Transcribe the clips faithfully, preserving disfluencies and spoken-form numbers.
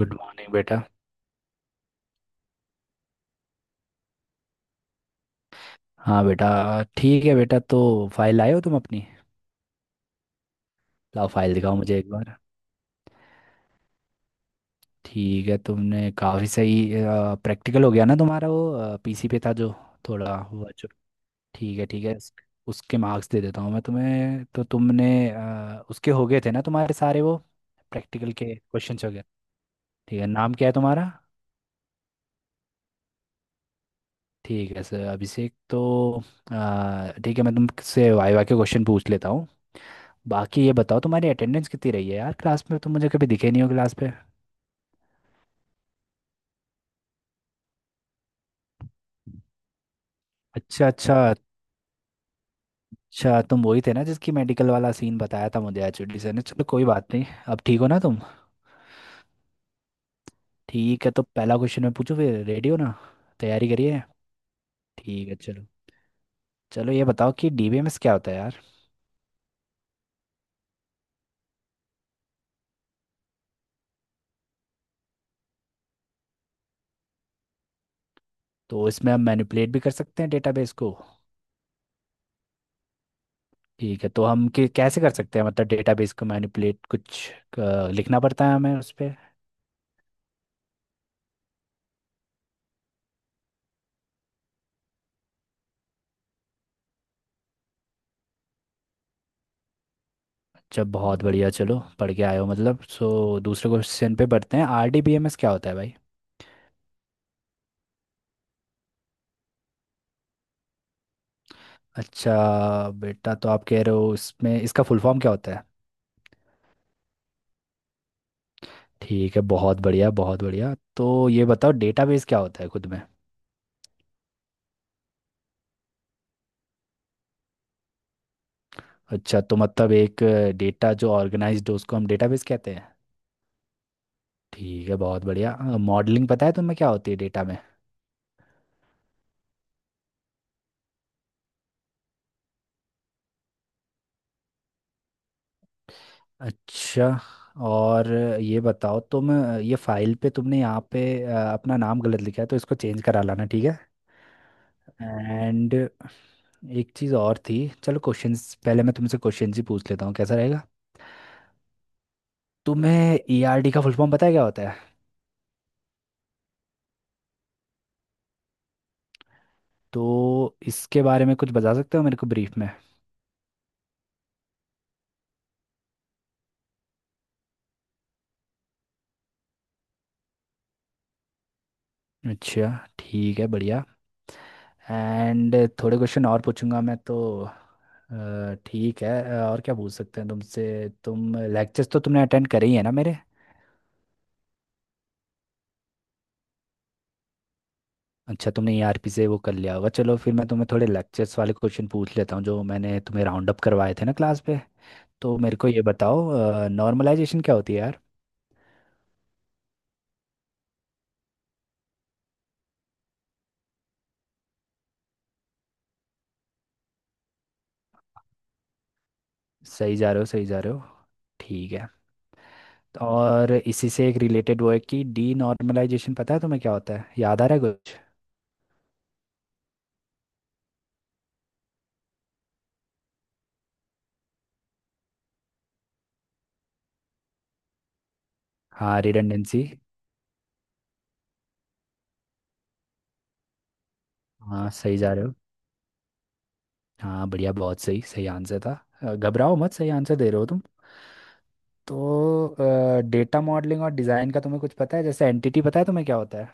Good morning बेटा। हाँ बेटा। ठीक है बेटा, तो फाइल लाए हो तुम अपनी? लाओ फाइल दिखाओ मुझे एक बार। ठीक है, तुमने काफ़ी सही प्रैक्टिकल हो गया ना तुम्हारा, वो पीसी पे था जो थोड़ा हुआ जो। ठीक है ठीक है, उस- उसके मार्क्स दे देता हूँ मैं तुम्हें। तो तुमने अ, उसके हो गए थे ना तुम्हारे सारे वो प्रैक्टिकल के क्वेश्चंस हो गए? ठीक है, नाम क्या है तुम्हारा? ठीक है सर अभिषेक, तो अ, ठीक है मैं तुमसे वाइवा के क्वेश्चन पूछ लेता हूँ। बाकी ये बताओ तुम्हारी अटेंडेंस कितनी रही है यार, क्लास में तुम मुझे कभी दिखे नहीं हो क्लास पे। अच्छा अच्छा। अच्छा तुम वही थे ना जिसकी मेडिकल वाला सीन बताया था मुझे एचओडी सर ने, चलो कोई बात नहीं। अब ठीक हो ना तुम? ठीक है, तो पहला क्वेश्चन मैं पूछूं फिर, रेडी हो ना? तैयारी करिए। ठीक है चलो। चलो ये बताओ कि डीबीएमएस क्या होता है यार। तो इसमें हम मैनिपुलेट भी कर सकते हैं डेटाबेस को? ठीक है, तो हम कि- कैसे कर सकते हैं मतलब डेटाबेस को मैनिपुलेट? कुछ अ, लिखना पड़ता है हमें उस पर? जब बहुत बढ़िया, चलो पढ़ के आए हो मतलब। सो दूसरे क्वेश्चन पे बढ़ते हैं, आरडीबीएमएस क्या होता है भाई? अच्छा बेटा, तो आप कह रहे हो इसमें, इसका फुल फॉर्म क्या होता है? ठीक है बहुत बढ़िया बहुत बढ़िया। तो ये बताओ, डेटाबेस क्या होता है खुद में? अच्छा, तो मतलब एक डेटा जो ऑर्गेनाइज्ड हो उसको हम डेटाबेस कहते हैं। ठीक है बहुत बढ़िया। मॉडलिंग पता है तुम्हें क्या होती है डेटा में? अच्छा। और ये बताओ तुम, ये फाइल पे तुमने यहाँ पे अ, अपना नाम गलत लिखा है तो इसको चेंज करा लाना ठीक है? एंड एक चीज़ और थी। चलो क्वेश्चंस पहले, मैं तुमसे क्वेश्चंस ही पूछ लेता हूँ, कैसा रहेगा? तुम्हें ईआरडी का फुल फॉर्म पता है क्या होता है? तो इसके बारे में कुछ बता सकते हो मेरे को ब्रीफ में? अच्छा। ठीक है बढ़िया। एंड थोड़े क्वेश्चन और पूछूंगा मैं तो। अ, ठीक है, अ, और क्या पूछ सकते हैं तुमसे, तुम लेक्चर्स तो तुमने अटेंड करे ही है ना मेरे? अच्छा, तुमने ईआरपी से वो कर लिया होगा। चलो फिर मैं तुम्हें थोड़े लेक्चर्स वाले क्वेश्चन पूछ लेता हूँ जो मैंने तुम्हें राउंड अप करवाए थे ना क्लास पे। तो मेरे को ये बताओ, नॉर्मलाइजेशन क्या होती है यार? सही जा रहे हो सही जा रहे हो। ठीक है। और इसी से एक रिलेटेड वो है कि डी नॉर्मलाइजेशन पता है तुम्हें क्या होता है, याद आ रहा है कुछ? हाँ रिडंडेंसी। हाँ सही जा रहे हो। हाँ बढ़िया, बहुत सही, सही आंसर था। अ, घबराओ मत, सही आंसर दे रहे हो तुम। तो डेटा मॉडलिंग और डिज़ाइन का तुम्हें कुछ पता है, जैसे एंटिटी पता है तुम्हें क्या होता है?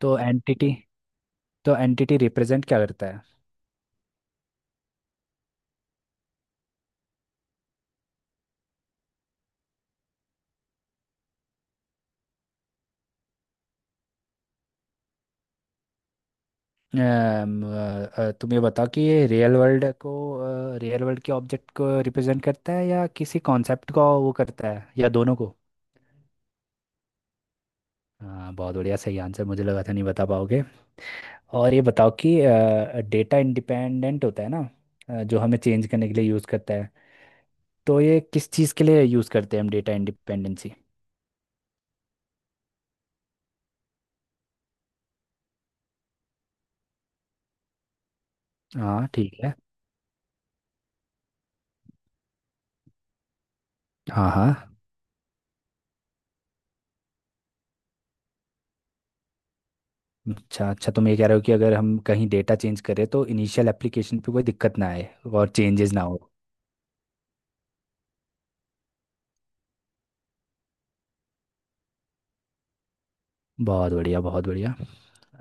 तो एंटिटी, तो एंटिटी रिप्रेजेंट क्या करता है? अम, अ, अ, तुम ये बताओ कि ये रियल वर्ल्ड को, रियल वर्ल्ड के ऑब्जेक्ट को रिप्रेजेंट करता है या किसी कॉन्सेप्ट को वो करता है, या दोनों को? हाँ बहुत बढ़िया, सही आंसर, मुझे लगा था नहीं बता पाओगे। और ये बताओ कि डेटा इंडिपेंडेंट होता है ना, अ, जो हमें चेंज करने के लिए यूज़ करता है, तो ये किस चीज़ के लिए यूज़ करते हैं हम, डेटा इंडिपेंडेंसी? हाँ ठीक है। हाँ हाँ। अच्छा अच्छा, तुम ये कह रहे हो कि अगर हम कहीं डेटा चेंज करें तो इनिशियल एप्लीकेशन पे कोई दिक्कत ना आए और चेंजेस ना हो? बहुत बढ़िया बहुत बढ़िया।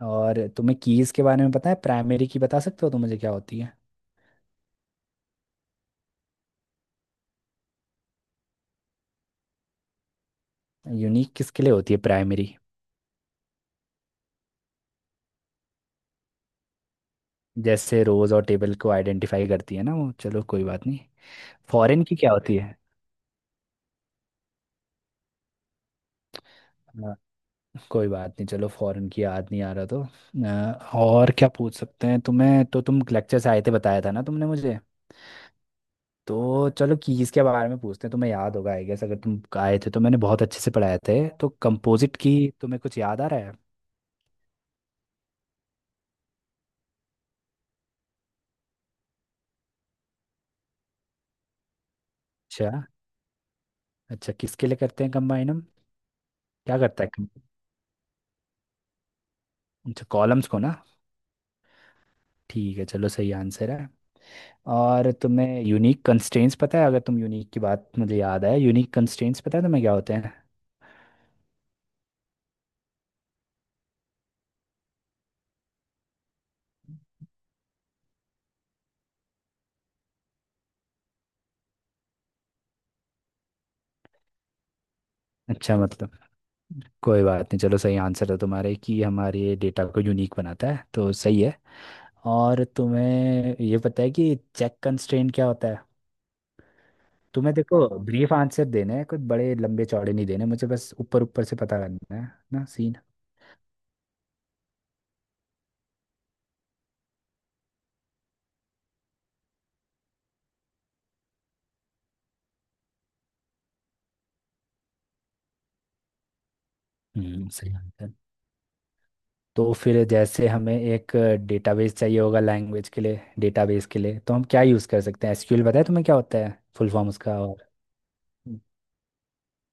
और तुम्हें कीज़ के बारे में पता है? प्राइमरी की बता सकते हो तो मुझे क्या होती है? यूनिक किसके लिए होती है प्राइमरी? जैसे रोज़ और टेबल को आइडेंटिफाई करती है ना वो, चलो कोई बात नहीं। फॉरेन की क्या होती है? कोई बात नहीं, चलो फॉरेन की याद नहीं आ रहा, तो अ, और क्या पूछ सकते हैं, तुम्हें तो, तुम लेक्चर से आए थे बताया था ना तुमने मुझे। तो चलो कीज़ के बारे में पूछते हैं, तुम्हें याद होगा आई गेस, अगर तुम आए थे तो मैंने बहुत अच्छे से पढ़ाए थे। तो कंपोजिट की तुम्हें कुछ याद आ रहा है? अच्छा। अच्छा किसके लिए करते हैं कंबाइन हम? क्या करता है com- अच्छा कॉलम्स को ना? ठीक है चलो, सही आंसर है। और तुम्हें यूनिक कंस्ट्रेंट्स पता है, अगर तुम यूनिक की बात मुझे याद है, यूनिक कंस्ट्रेंट्स पता है तुम्हें क्या होते हैं? अच्छा मतलब, कोई बात नहीं, चलो सही आंसर है तुम्हारे कि हमारे डेटा को यूनिक बनाता है, तो सही है। और तुम्हें ये पता है कि चेक कंस्ट्रेंट क्या होता है? तुम्हें देखो ब्रीफ आंसर देने हैं, कुछ बड़े लंबे चौड़े नहीं देने, मुझे बस ऊपर ऊपर से पता करना है ना सीन। हम्म, सही आंसर। तो फिर जैसे हमें एक डेटाबेस चाहिए होगा, लैंग्वेज के लिए, डेटाबेस के लिए तो हम क्या यूज़ कर सकते हैं? एसक्यूएल, बताया तुम्हें क्या होता है फुल फॉर्म उसका, और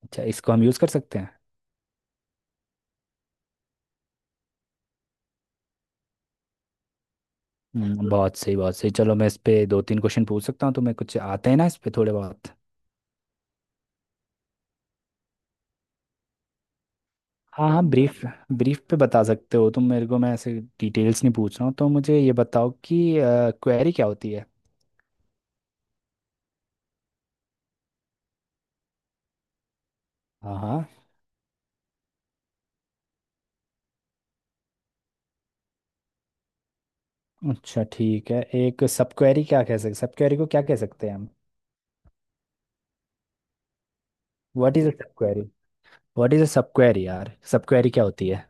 अच्छा इसको हम यूज़ कर सकते हैं? हम्म, बहुत सही बहुत सही। चलो मैं इस पे दो तीन क्वेश्चन पूछ सकता हूँ तुम्हें, कुछ आते हैं ना इस पे थोड़े बहुत? हाँ हाँ ब्रीफ, ब्रीफ पे बता सकते हो तुम मेरे को, मैं ऐसे डिटेल्स नहीं पूछ रहा हूँ। तो मुझे ये बताओ कि क्वेरी क्या होती है? हाँ हाँ। अच्छा ठीक है। एक सब क्वेरी क्या कह सकते, सब क्वेरी को क्या कह सकते हैं हम? What is a subquery, what is a subquery यार, सब क्वेरी क्या होती है?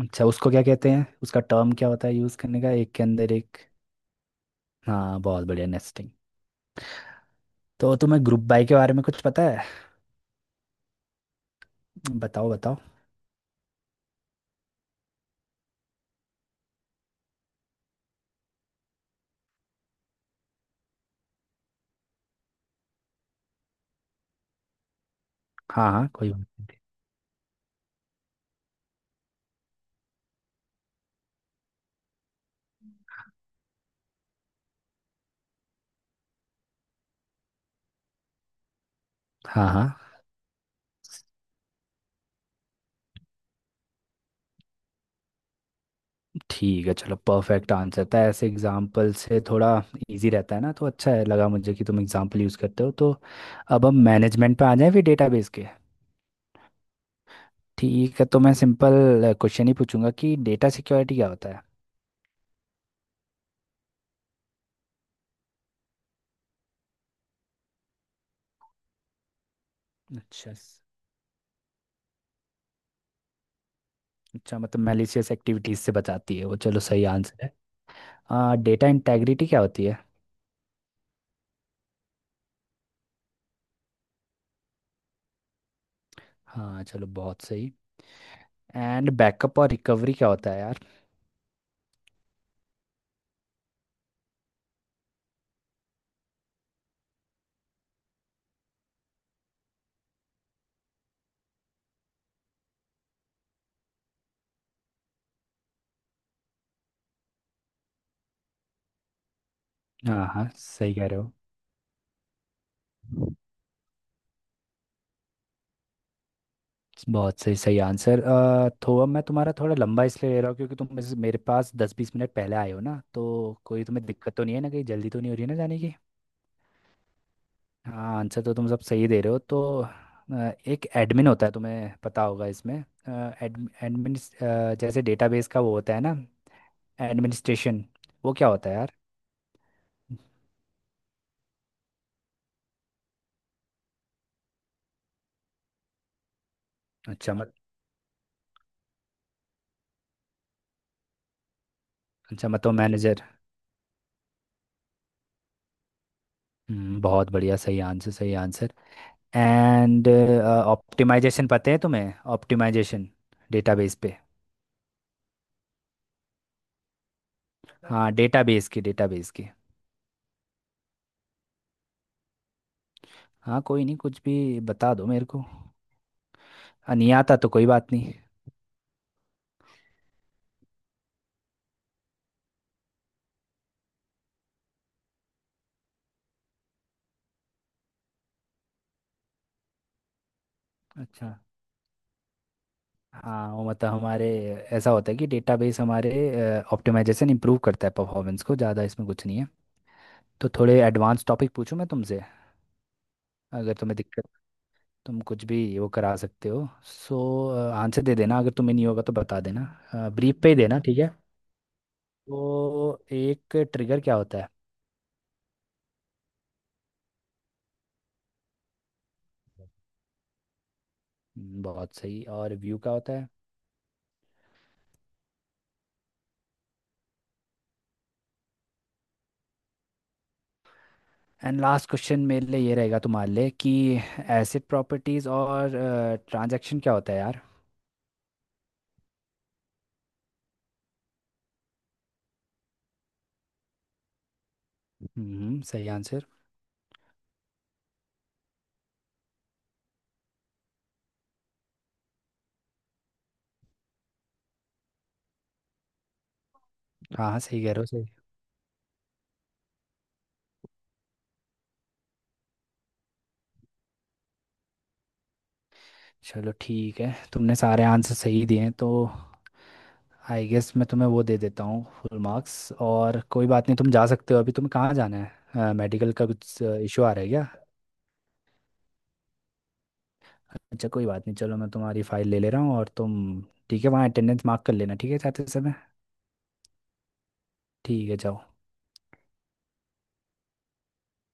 अच्छा उसको क्या कहते हैं, उसका टर्म क्या होता है यूज़ करने का, एक के अंदर एक? हाँ बहुत बढ़िया, नेस्टिंग। तो तुम्हें ग्रुप बाय के बारे में कुछ पता है? बताओ बताओ। हाँ हाँ कोई बात-। हाँ हाँ। ठीक है चलो, परफेक्ट आंसर था, ऐसे एग्जाम्पल से थोड़ा इजी रहता है ना, तो अच्छा है, लगा मुझे कि तुम एग्जाम्पल यूज़ करते हो तो। अब हम मैनेजमेंट पे आ जाएं फिर, डेटाबेस के। ठीक है तो मैं सिंपल क्वेश्चन ही पूछूंगा कि डेटा सिक्योरिटी क्या होता है? अच्छा स- अच्छा मतलब मैलिशियस एक्टिविटीज़ से बचाती है वो, चलो सही आंसर है। हाँ, डेटा इंटेग्रिटी क्या होती है? हाँ चलो, बहुत सही। एंड बैकअप और रिकवरी क्या होता है यार? हाँ हाँ सही कह रहे हो। बहुत सही, सही आंसर। अ, तो अब मैं तुम्हारा थोड़ा लंबा इसलिए ले रहा हूँ क्योंकि तुम मेरे मेरे पास दस बीस मिनट पहले आए हो ना, तो कोई तुम्हें दिक्कत तो नहीं है ना, कहीं जल्दी तो नहीं हो रही है ना जाने की? हाँ, आंसर तो तुम सब सही दे रहे हो तो। अ, एक एडमिन होता है, तुम्हें पता होगा इसमें, एडमिन, जैसे डेटाबेस का वो होता है ना, एडमिनिस्ट्रेशन, वो क्या होता है यार? अच्छा मत अच्छा मतलब मैनेजर। हम्म, बहुत बढ़िया, सही आंसर सही आंसर। एंड ऑप्टिमाइजेशन पता है तुम्हें, ऑप्टिमाइजेशन, डेटाबेस पे? हाँ डेटाबेस की, डेटाबेस की। हाँ कोई नहीं, कुछ भी बता दो मेरे को, हाँ, नहीं आता तो कोई बात नहीं। अच्छा। हाँ वो मतलब हमारे, ऐसा होता है कि डेटाबेस हमारे, ऑप्टिमाइजेशन इंप्रूव करता है परफॉर्मेंस को ज़्यादा, इसमें कुछ नहीं है। तो थोड़े एडवांस टॉपिक पूछूं मैं तुमसे, अगर तुम्हें दिक्कत, तुम कुछ भी वो करा सकते हो। सो आंसर दे देना, अगर तुम्हें नहीं होगा तो बता देना, ब्रीफ पे ही देना ठीक है? तो एक ट्रिगर क्या होता है? हम्म, बहुत सही। और व्यू क्या होता है? एंड लास्ट क्वेश्चन मेरे लिए ये रहेगा तुम्हारे लिए कि एसिड प्रॉपर्टीज और ट्रांजैक्शन क्या होता है यार? हम्म, सही आंसर। हाँ हाँ सही कह रहे हो सही। चलो ठीक है, तुमने सारे आंसर सही दिए हैं तो आई गेस मैं तुम्हें वो दे देता हूँ, फुल मार्क्स, और कोई बात नहीं, तुम जा सकते हो। अभी तुम्हें कहाँ जाना है, मेडिकल का कुछ इशू आ रहा है क्या? अच्छा कोई बात नहीं, चलो मैं तुम्हारी फाइल ले ले रहा हूँ, और तुम ठीक है वहाँ अटेंडेंस मार्क कर लेना ठीक है जाते समय। ठीक है जाओ।